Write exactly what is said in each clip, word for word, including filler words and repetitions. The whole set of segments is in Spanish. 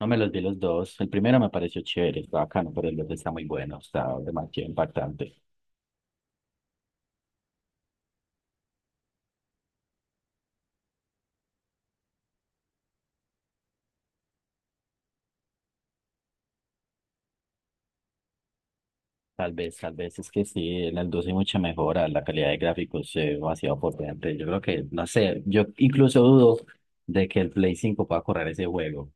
No me los vi los dos. El primero me pareció chévere, está bacano, pero el otro está muy bueno, está demasiado impactante. Tal vez, tal vez es que sí, en el dos hay mucha mejora, la calidad de gráficos es demasiado potente. Yo creo que, no sé, yo incluso dudo de que el Play cinco pueda correr ese juego.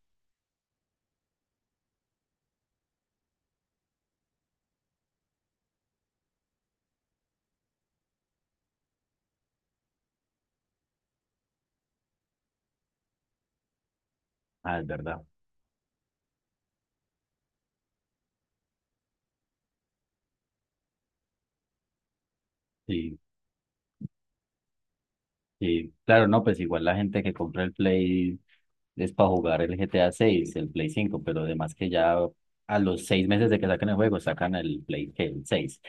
Ah, es verdad. Sí, sí. Claro, no, pues igual la gente que compra el Play es para jugar el G T A seis el Play cinco, pero además que ya a los seis meses de que saquen el juego, sacan el Play ¿qué? El seis.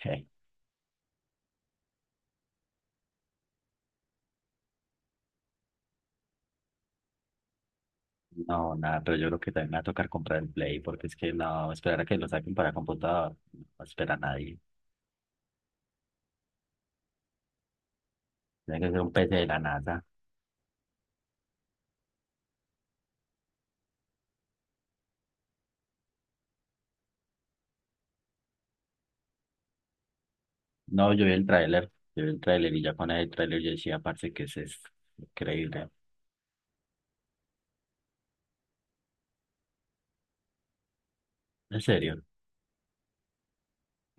No, nada, pero yo creo que también me va a tocar comprar el Play, porque es que no, esperar a que lo saquen para computador, no espera a nadie. Tiene que ser un P C de la NASA. No, yo vi el tráiler, yo vi el tráiler y ya con el tráiler yo decía, parce, ¿que es esto? Increíble. ¿En serio?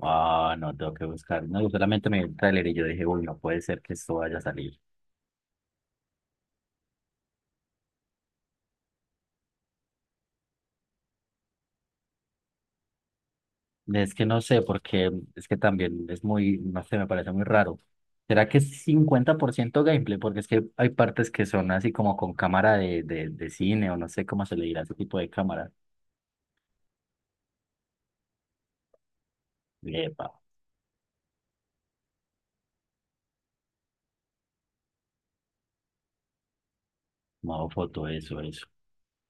Ah, no, tengo que buscar. No, yo solamente me vi el tráiler y yo dije, uy, no puede ser que esto vaya a salir. Es que no sé, porque es que también es muy, no sé, me parece muy raro. ¿Será que es cincuenta por ciento gameplay? Porque es que hay partes que son así como con cámara de, de, de cine o no sé cómo se le dirá ese tipo de cámara. Epa, modo foto, eso, eso.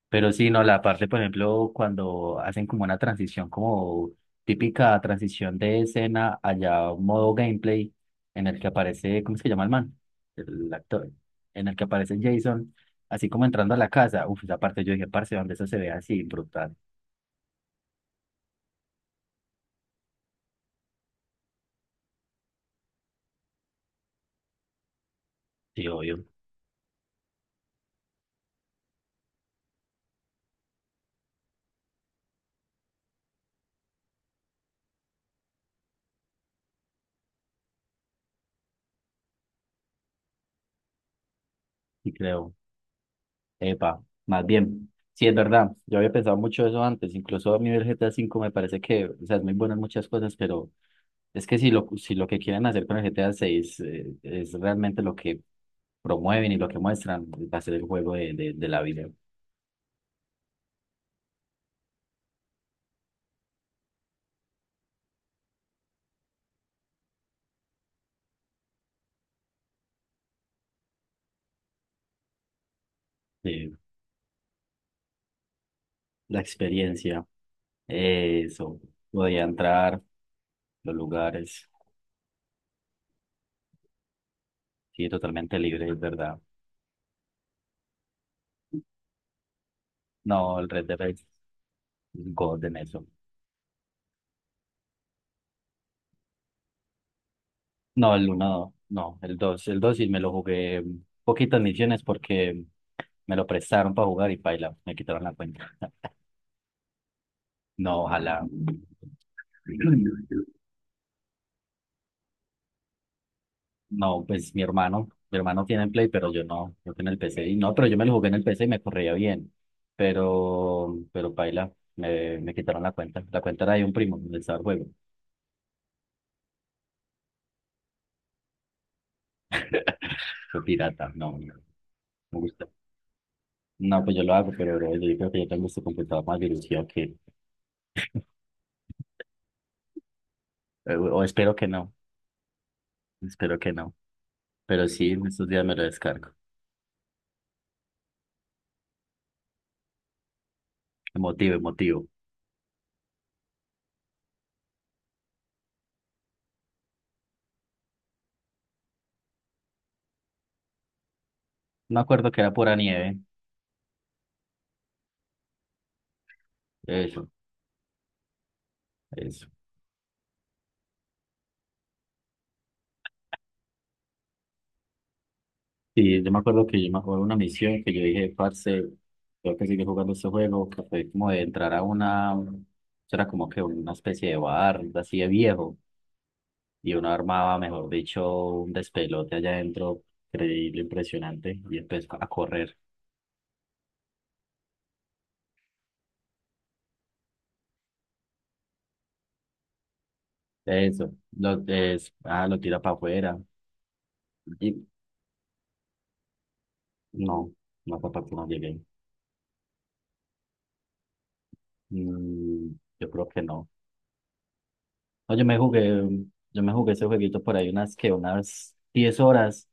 Pero sí, no, la parte, por ejemplo, cuando hacen como una transición, como típica transición de escena allá, modo gameplay, en el que aparece, ¿cómo es que llama el man? El actor, en el que aparece Jason, así como entrando a la casa. Uf, esa parte yo dije, parce, donde eso se ve así, brutal. Sí, obvio. Sí creo, epa, más bien. Sí, es verdad, yo había pensado mucho eso antes, incluso a mí el G T A V me parece que, o sea, es muy bueno en muchas cosas, pero... Es que si lo, si lo que quieren hacer con el G T A seis 6 es realmente lo que promueven y lo que muestran va a ser el juego de, de, de la vida, de la experiencia. Eso, podía entrar, los lugares, sí, totalmente libre, es verdad. No, el Red Dead es God en eso. No, el uno no, el dos. El dos sí me lo jugué mm, poquitas misiones porque me lo prestaron para jugar y paila, me quitaron la cuenta. No, ojalá. No, pues mi hermano, mi hermano tiene el Play, pero yo no, yo en el P C. Y no, pero yo me lo jugué en el P C y me corría bien. Pero, pero paila, me, me quitaron la cuenta. La cuenta era de un primo del estaba el juego. Fue pirata, no, no, me gusta. No, pues yo lo hago, pero bro, yo creo que yo tengo este computador más virusio que, eh, o espero que no, espero que no. Pero sí, en estos días me lo descargo. Emotivo, emotivo. Me acuerdo que era pura nieve. Eso, eso. Sí, yo me acuerdo que yo me acuerdo de una misión que yo dije, parce, tengo que sigue jugando este juego, que fue como de entrar a una, eso era como que una especie de bar, así de viejo, y uno armaba, mejor dicho, un despelote allá adentro, increíble, impresionante, y empezó a correr. Eso, lo, es, ah, lo tira para afuera, y no, no fue para que no llegué. Mm, yo creo que no. No, yo me jugué, yo me jugué ese jueguito por ahí unas que unas diez horas.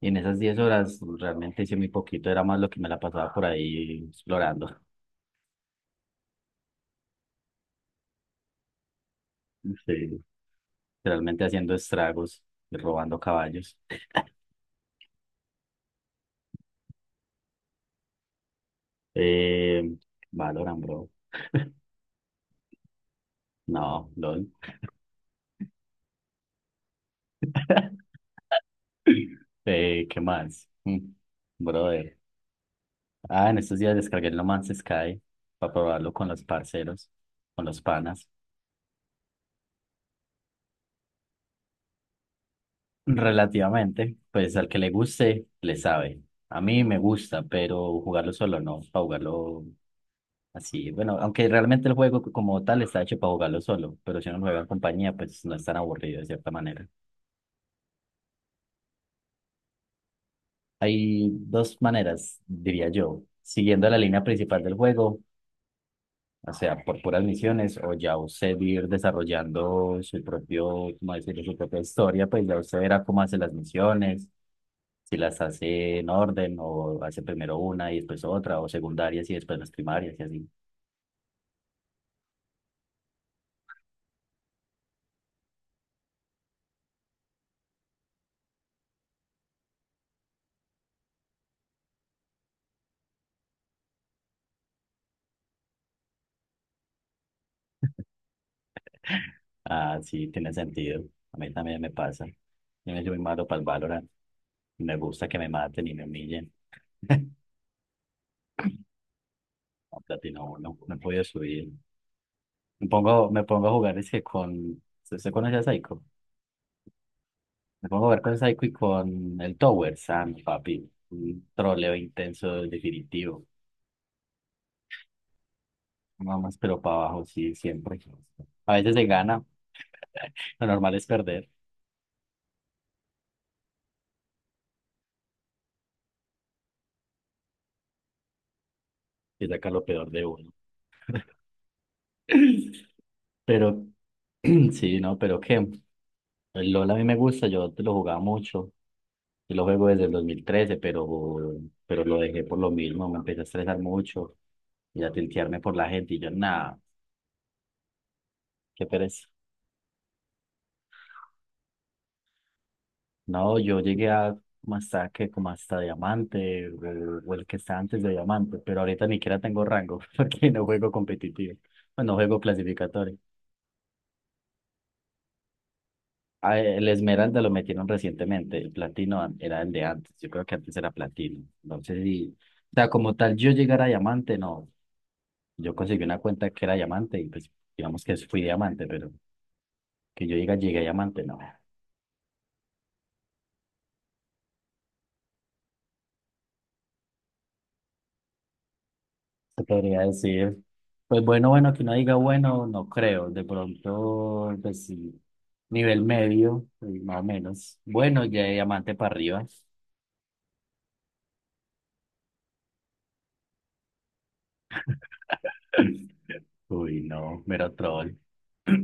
Y en esas diez horas realmente hice muy poquito, era más lo que me la pasaba por ahí explorando, sí, realmente haciendo estragos, y robando caballos. Eh, Valorant, bro. No, LOL. Eh, ¿qué más? Mm, Brother. Ah, en estos días descargué el No Man's Sky para probarlo con los parceros, con los panas. Relativamente, pues al que le guste, le sabe. A mí me gusta, pero jugarlo solo no, para jugarlo así. Bueno, aunque realmente el juego como tal está hecho para jugarlo solo, pero si uno juega en compañía, pues no es tan aburrido de cierta manera. Hay dos maneras, diría yo, siguiendo la línea principal del juego. O sea, por puras misiones, o ya usted ir desarrollando su propio, ¿cómo decirlo? Su propia historia, pues ya usted verá cómo hace las misiones, si las hace en orden, o hace primero una y después otra, o secundarias y después las primarias y así. Ah, sí, tiene sentido. A mí también me pasa. Yo me soy muy malo para el Valorant. Me gusta que me maten y me humillen. No, Platino uno, no he podido subir. Me pongo, me pongo a jugar ese con... ¿Usted conoce a Psycho? Me pongo a ver con Psycho y con el Tower Sam, papi. Un troleo intenso, definitivo. Nada más, pero para abajo, sí, siempre. A veces se gana, lo normal es perder y sacar lo peor de uno. Pero, sí, no, pero qué. El LOL a mí me gusta, yo te lo jugaba mucho. Yo lo juego desde el dos mil trece, pero, pero lo dejé por lo mismo. Me empecé a estresar mucho y a tiltearme por la gente. Y yo, nada, qué pereza. No, yo llegué a como hasta que como hasta diamante o, o el que está antes de diamante, pero ahorita ni siquiera tengo rango porque no juego competitivo, bueno, no juego clasificatorio. Ah, el esmeralda lo metieron recientemente, el platino an- era el de antes, yo creo que antes era platino. Entonces, y, o sea, como tal, yo llegar a diamante, no, yo conseguí una cuenta que era diamante y pues digamos que fui diamante, pero que yo llegue, llegué a diamante, no. Se podría decir, pues bueno, bueno, que no diga bueno, no creo. De pronto, pues sí, nivel medio, pues, más o menos. Bueno, ya de diamante para arriba. Uy, no, mero troll.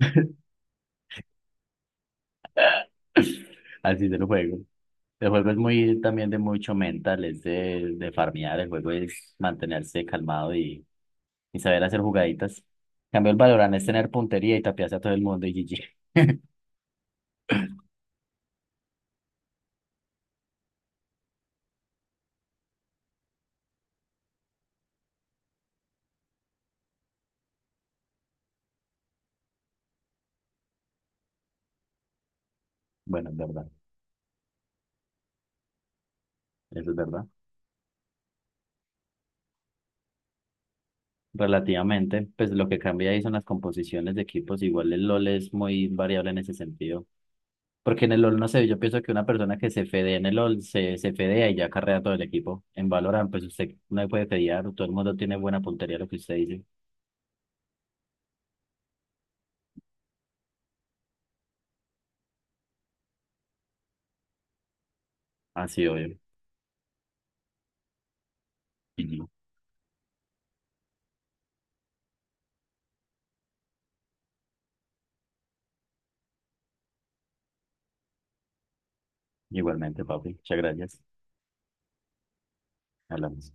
Así se lo juego. El juego es muy también de mucho mental, es de, de farmear. El juego es mantenerse calmado y, y saber hacer jugaditas. En cambio, el Valorant es tener puntería y tapiarse a todo el mundo y G G. Bueno, es verdad, eso es verdad. Relativamente. Pues lo que cambia ahí son las composiciones de equipos. Igual el LOL es muy variable en ese sentido. Porque en el LOL, no sé, yo pienso que una persona que se fedea en el LOL se, se fedea y ya carrea todo el equipo. En Valorant, pues usted no puede fedear, todo el mundo tiene buena puntería a lo que usted dice. Así, obvio. Ujú. Igualmente, papi. Muchas gracias. Hablamos.